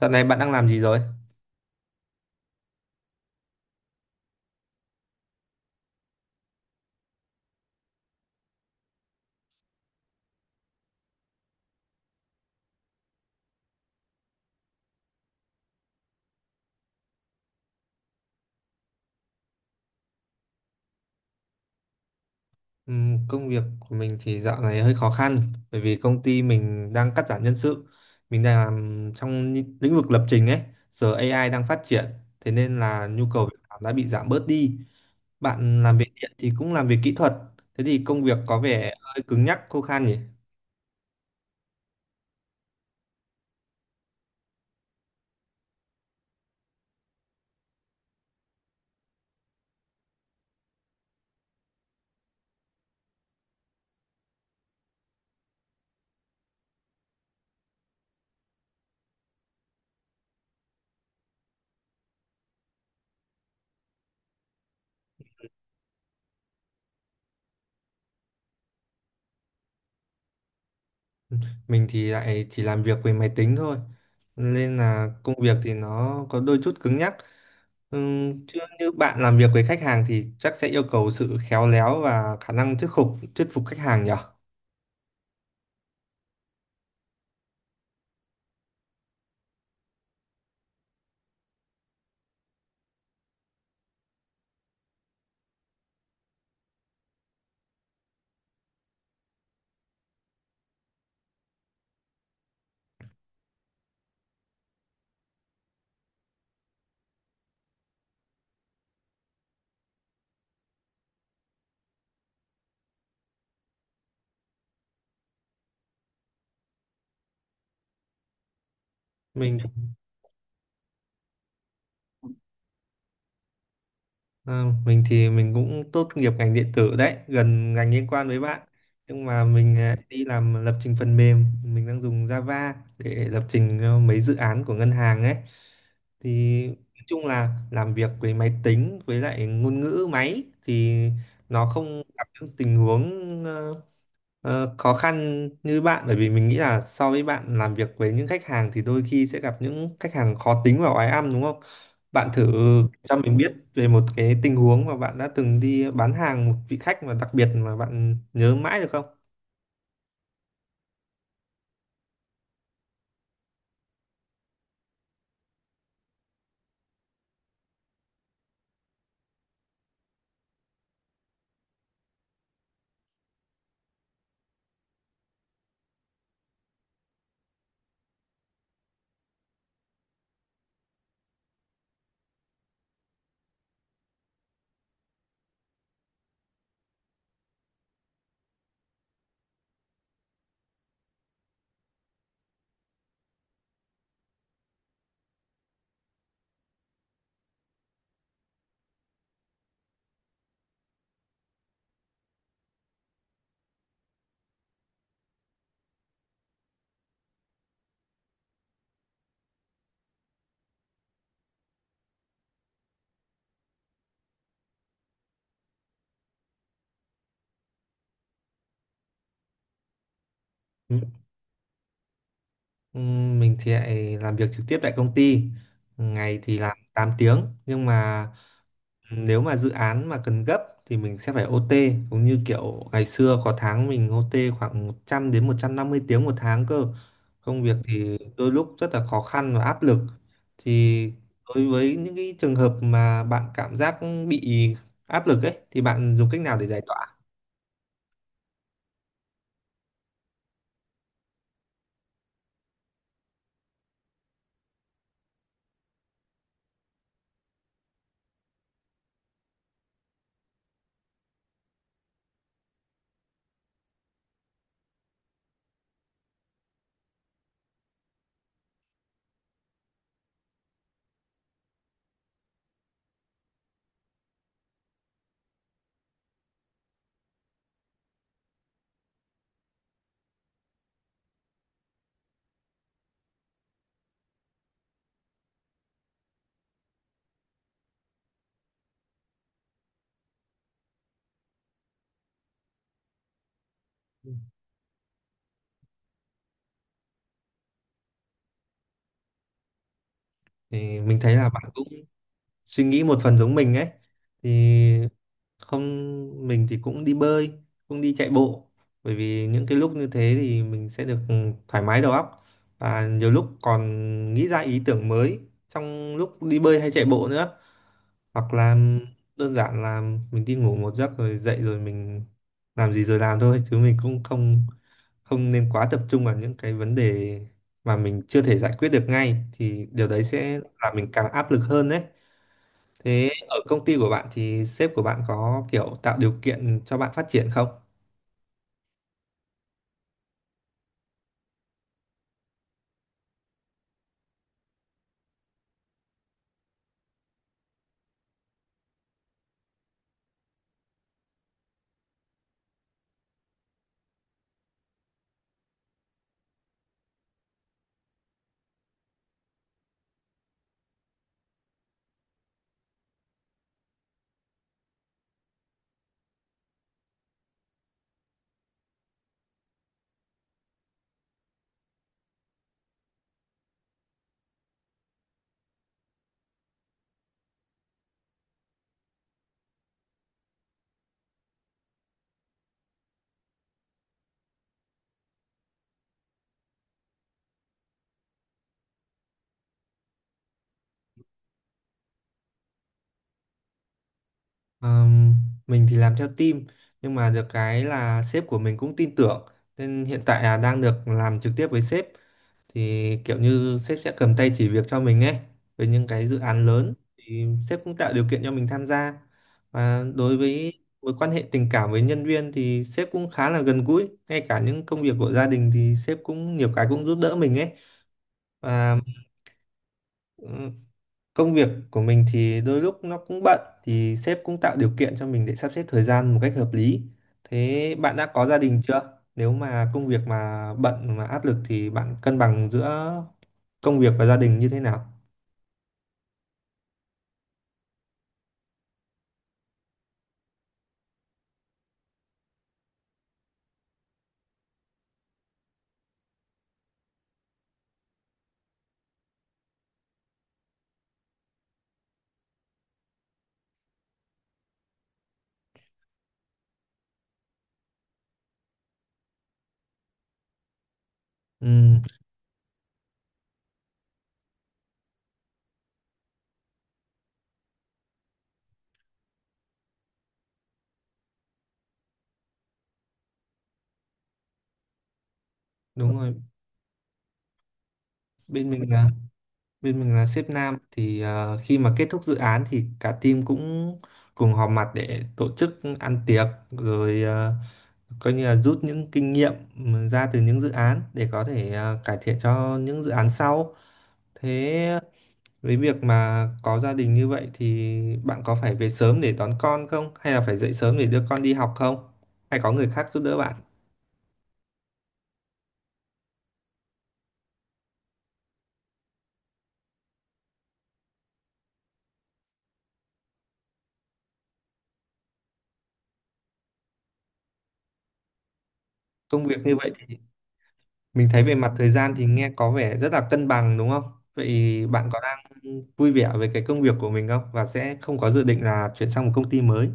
Dạo này bạn đang làm gì rồi? Công việc của mình thì dạo này hơi khó khăn bởi vì công ty mình đang cắt giảm nhân sự. Mình đang làm trong lĩnh lĩnh vực lập trình ấy, giờ AI đang phát triển, thế nên là nhu cầu việc làm đã bị giảm bớt đi. Bạn làm về điện thì cũng làm về kỹ thuật, thế thì công việc có vẻ hơi cứng nhắc, khô khan nhỉ? Mình thì lại chỉ làm việc với máy tính thôi nên là công việc thì nó có đôi chút cứng nhắc. Chứ như bạn làm việc với khách hàng thì chắc sẽ yêu cầu sự khéo léo và khả năng thuyết phục khách hàng nhỉ. mình À, mình thì mình cũng tốt nghiệp ngành điện tử đấy, gần ngành liên quan với bạn. Nhưng mà mình đi làm lập trình phần mềm, mình đang dùng Java để lập trình cho mấy dự án của ngân hàng ấy. Thì nói chung là làm việc với máy tính với lại ngôn ngữ máy thì nó không gặp những tình huống khó khăn như bạn bởi vì mình nghĩ là so với bạn làm việc với những khách hàng thì đôi khi sẽ gặp những khách hàng khó tính và oái ăm đúng không? Bạn thử cho mình biết về một cái tình huống mà bạn đã từng đi bán hàng một vị khách mà đặc biệt mà bạn nhớ mãi được không? Ừ. Mình thì lại làm việc trực tiếp tại công ty. Ngày thì làm 8 tiếng nhưng mà nếu mà dự án mà cần gấp thì mình sẽ phải OT, cũng như kiểu ngày xưa có tháng mình OT khoảng 100 đến 150 tiếng 1 tháng cơ. Công việc thì đôi lúc rất là khó khăn và áp lực, thì đối với những cái trường hợp mà bạn cảm giác bị áp lực ấy thì bạn dùng cách nào để giải tỏa? Thì mình thấy là bạn cũng suy nghĩ một phần giống mình ấy. Thì không, mình thì cũng đi bơi, cũng đi chạy bộ bởi vì những cái lúc như thế thì mình sẽ được thoải mái đầu óc và nhiều lúc còn nghĩ ra ý tưởng mới trong lúc đi bơi hay chạy bộ nữa, hoặc là đơn giản là mình đi ngủ một giấc rồi dậy rồi mình làm gì rồi làm thôi, chứ mình cũng không không nên quá tập trung vào những cái vấn đề mà mình chưa thể giải quyết được ngay, thì điều đấy sẽ làm mình càng áp lực hơn đấy. Thế ở công ty của bạn thì sếp của bạn có kiểu tạo điều kiện cho bạn phát triển không? Ờm, mình thì làm theo team nhưng mà được cái là sếp của mình cũng tin tưởng, nên hiện tại là đang được làm trực tiếp với sếp, thì kiểu như sếp sẽ cầm tay chỉ việc cho mình ấy. Với những cái dự án lớn thì sếp cũng tạo điều kiện cho mình tham gia, và đối với mối quan hệ tình cảm với nhân viên thì sếp cũng khá là gần gũi, ngay cả những công việc của gia đình thì sếp cũng nhiều cái cũng giúp đỡ mình ấy. Và ừ, công việc của mình thì đôi lúc nó cũng bận thì sếp cũng tạo điều kiện cho mình để sắp xếp thời gian một cách hợp lý. Thế bạn đã có gia đình chưa? Nếu mà công việc mà bận mà áp lực thì bạn cân bằng giữa công việc và gia đình như thế nào? Ừ, đúng rồi. Bên mình là Bên mình là sếp nam thì khi mà kết thúc dự án thì cả team cũng cùng họp mặt để tổ chức ăn tiệc rồi coi như là rút những kinh nghiệm, ừ, ra từ những dự án để có thể, à, cải thiện cho những dự án sau. Thế với việc mà có gia đình như vậy thì bạn có phải về sớm để đón con không? Hay là phải dậy sớm để đưa con đi học không? Hay có người khác giúp đỡ bạn? Công việc như vậy thì mình thấy về mặt thời gian thì nghe có vẻ rất là cân bằng đúng không? Vậy bạn có đang vui vẻ với cái công việc của mình không? Và sẽ không có dự định là chuyển sang một công ty mới?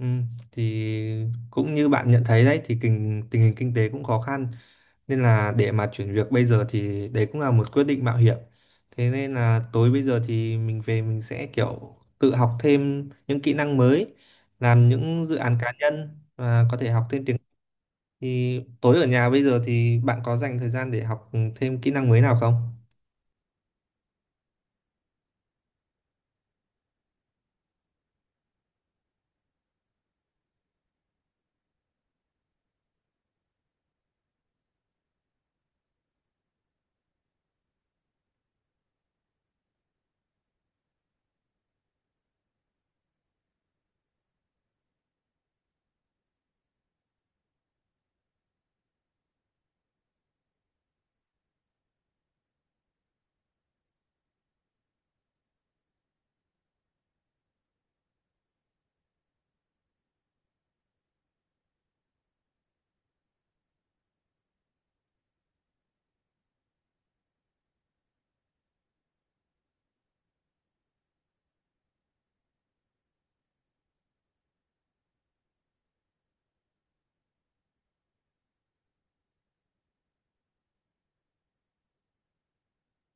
Ừ, thì cũng như bạn nhận thấy đấy thì tình hình kinh tế cũng khó khăn, nên là để mà chuyển việc bây giờ thì đấy cũng là một quyết định mạo hiểm. Thế nên là tối bây giờ thì mình về mình sẽ kiểu tự học thêm những kỹ năng mới, làm những dự án cá nhân và có thể học thêm tiếng. Thì tối ở nhà bây giờ thì bạn có dành thời gian để học thêm kỹ năng mới nào không?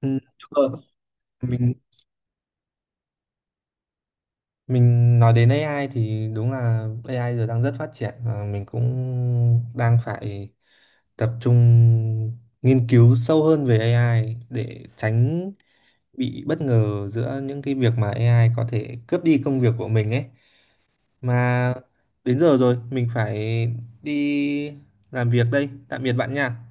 Ừ, đúng rồi. mình mình nói đến AI thì đúng là AI giờ đang rất phát triển, và mình cũng đang phải tập trung nghiên cứu sâu hơn về AI để tránh bị bất ngờ giữa những cái việc mà AI có thể cướp đi công việc của mình ấy. Mà đến giờ rồi mình phải đi làm việc đây, tạm biệt bạn nha.